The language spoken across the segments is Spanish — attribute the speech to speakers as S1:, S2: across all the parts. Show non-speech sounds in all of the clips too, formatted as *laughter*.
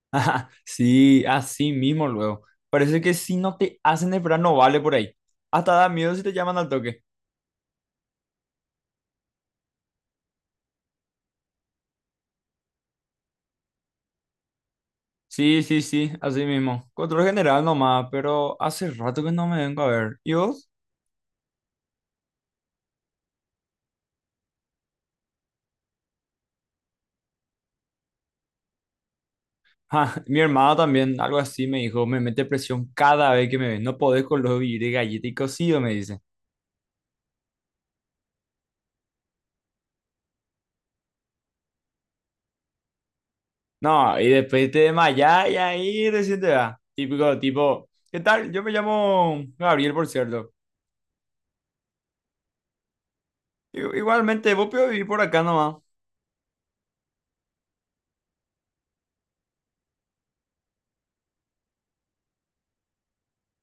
S1: *laughs* Ajá, sí, así mismo luego. Parece que si no te hacen esperar no vale por ahí. Hasta da miedo si te llaman al toque. Sí, sí, sí, así mismo. Control general nomás, pero hace rato que no me vengo a ver. ¿Y vos? *laughs* Ja, mi hermano también, algo así me dijo, me mete presión cada vez que me ve. No podés con los vivir de galleta y cocido, me dice. No, y después te desmayás y ahí recién te da. Típico, tipo, ¿qué tal? Yo me llamo Gabriel, por cierto. Igualmente, vos podés vivir por acá nomás.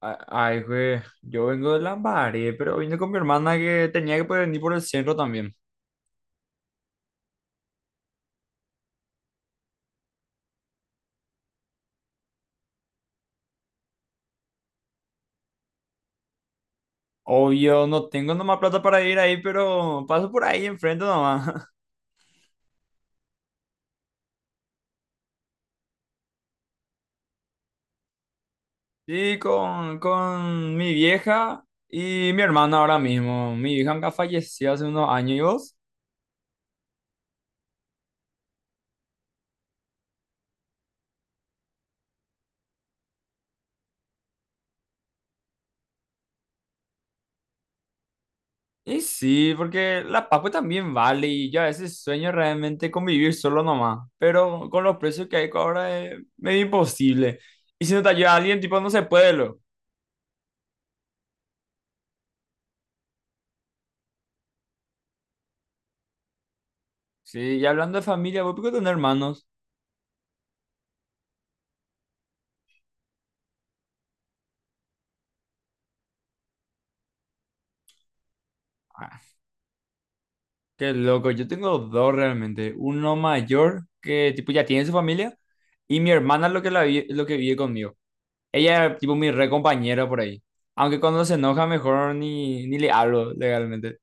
S1: Ay, güey, yo vengo de Lambaré, pero vine con mi hermana que tenía que poder venir por el centro también. Obvio, no tengo nomás plata para ir ahí, pero paso por ahí enfrente nomás. *laughs* Sí, con mi vieja y mi hermana ahora mismo. Mi vieja nunca falleció hace unos años y vos. Y sí, porque la Paco también vale y yo a veces sueño realmente con vivir solo nomás, pero con los precios que hay ahora es medio imposible. Y si no te ayuda alguien, tipo, no se puede. Sí, y hablando de familia, ¿vos podés tener hermanos? Ah, qué loco, yo tengo dos realmente. Uno mayor que tipo ya tiene su familia y mi hermana es lo que, lo que vive conmigo. Ella es tipo mi re compañera por ahí. Aunque cuando se enoja mejor ni le hablo legalmente.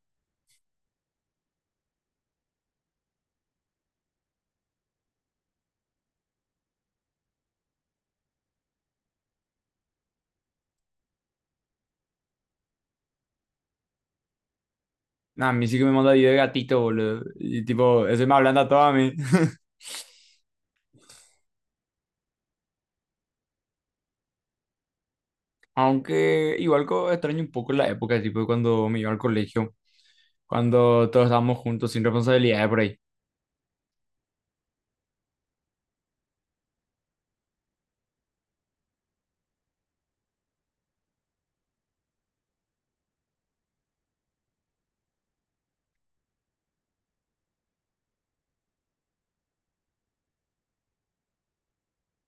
S1: Nah, a mí sí que me manda video de gatito, boludo. Y tipo, eso me hablando a todo a mí. *laughs* Aunque igual extraño un poco la época, tipo cuando me iba al colegio, cuando todos estábamos juntos sin responsabilidades por ahí.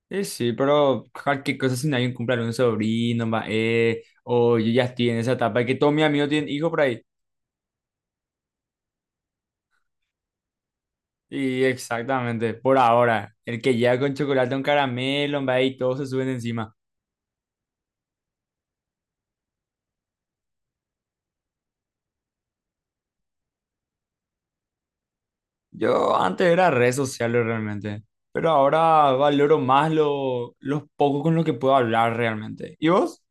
S1: Sí, pero cualquier cosa si nadie cumple un sobrino, va, o yo ya estoy en esa etapa que todos mis amigos tienen hijos por ahí. Y exactamente, por ahora, el que llega con chocolate, un caramelo, va, y todos se suben encima. Yo antes era redes sociales realmente, pero ahora valoro más lo, los pocos con los que puedo hablar realmente. ¿Y vos?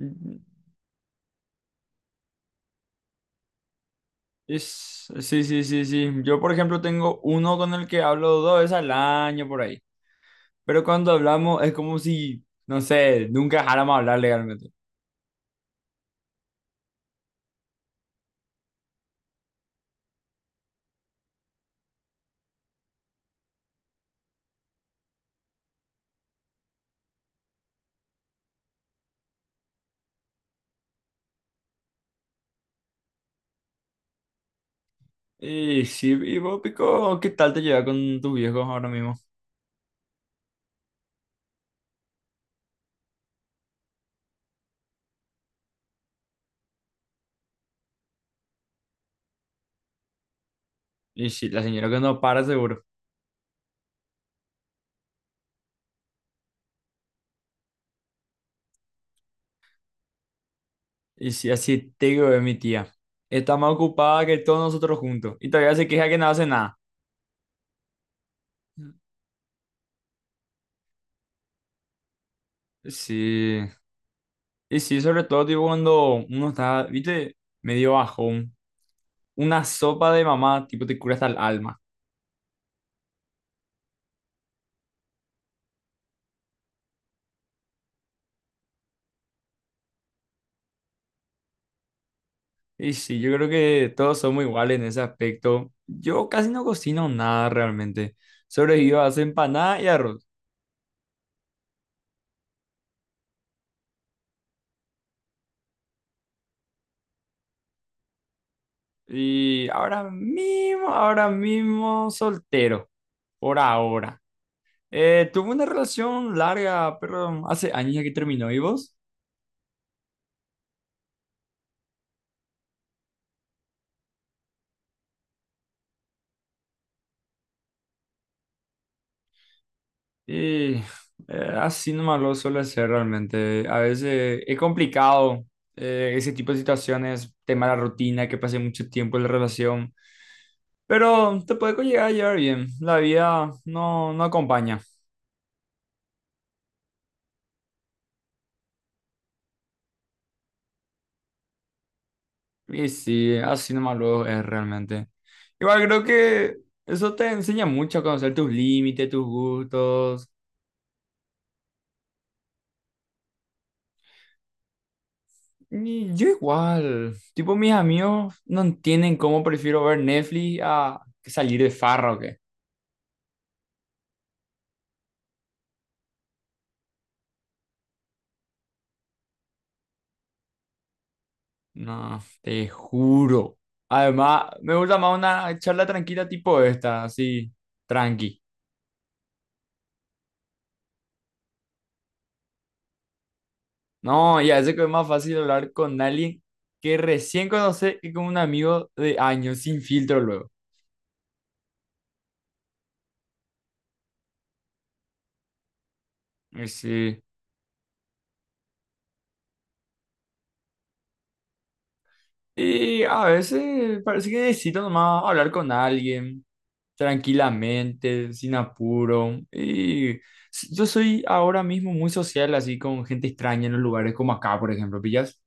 S1: Mm. Es, sí, sí, sí, sí. Yo, por ejemplo, tengo uno con el que hablo dos veces al año por ahí. Pero cuando hablamos es como si, no sé, nunca dejáramos hablar legalmente. Y sí, y vos, Pico, ¿qué tal te llevas con tus viejos ahora mismo? Y sí, la señora que no para seguro. Y sí, así te digo de mi tía. Está más ocupada que todos nosotros juntos. Y todavía se queja que no hace nada. Sí. Y sí, sobre todo, tipo, cuando uno está, viste, medio bajón. Una sopa de mamá, tipo, te cura hasta el alma. Y sí, yo creo que todos somos iguales en ese aspecto. Yo casi no cocino nada realmente. Sobrevivo a hacer empanada y arroz. Y ahora mismo soltero. Por ahora. Tuve una relación larga, pero hace años ya que terminó. ¿Y vos? Y eh, Así nomás lo suele ser realmente. A veces es complicado ese tipo de situaciones, tema de la rutina, que pasé mucho tiempo en la relación. Pero te puede llegar a llevar bien. La vida no acompaña. Y sí, así nomás luego es realmente. Igual creo que eso te enseña mucho a conocer tus límites, tus gustos. Y yo igual. Tipo, mis amigos no entienden cómo prefiero ver Netflix a que salir de farra o qué. No, te juro. Además, me gusta más una charla tranquila tipo esta, así, tranqui. No, ya sé que es más fácil hablar con alguien que recién conoce que con un amigo de años, sin filtro luego. Y sí. Y a veces parece que necesito nomás hablar con alguien tranquilamente, sin apuro. Y yo soy ahora mismo muy social, así con gente extraña en los lugares como acá, por ejemplo, ¿pillas?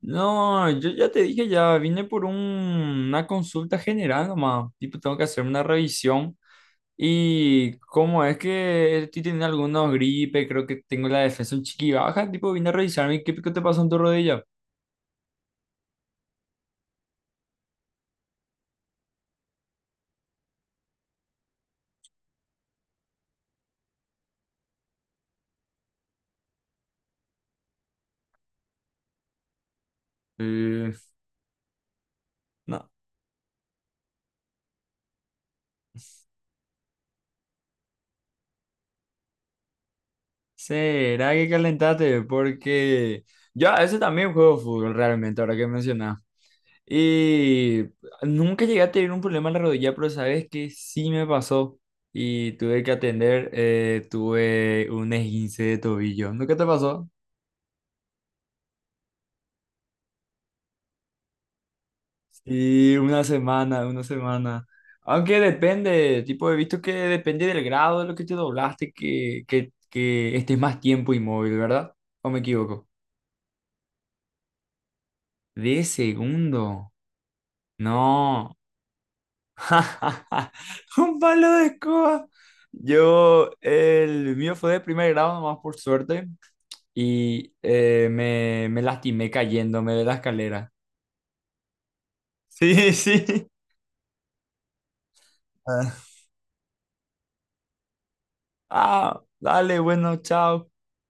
S1: No, yo ya te dije, ya vine por una consulta general nomás. Tipo, tengo que hacer una revisión. Y cómo es que estoy teniendo algunos gripes, creo que tengo la defensa un chiqui baja, tipo vine a revisarme. ¿Qué pico te pasó en tu rodilla? Eh, no. ¿Será que calentaste? Porque yo a veces también juego fútbol realmente, ahora que mencionas. Y nunca llegué a tener un problema en la rodilla, pero sabes que sí me pasó y tuve que atender, tuve un esguince de tobillo. ¿Nunca te pasó? Y una semana, una semana. Aunque depende, tipo, he visto que depende del grado de lo que te doblaste, que estés más tiempo inmóvil, ¿verdad? ¿O me equivoco? De segundo. No. *laughs* Un palo de escoba. Yo, el mío fue de primer grado, nomás por suerte, y me lastimé cayéndome de la escalera. *laughs* Sí, sí. Ah, dale, bueno, chao.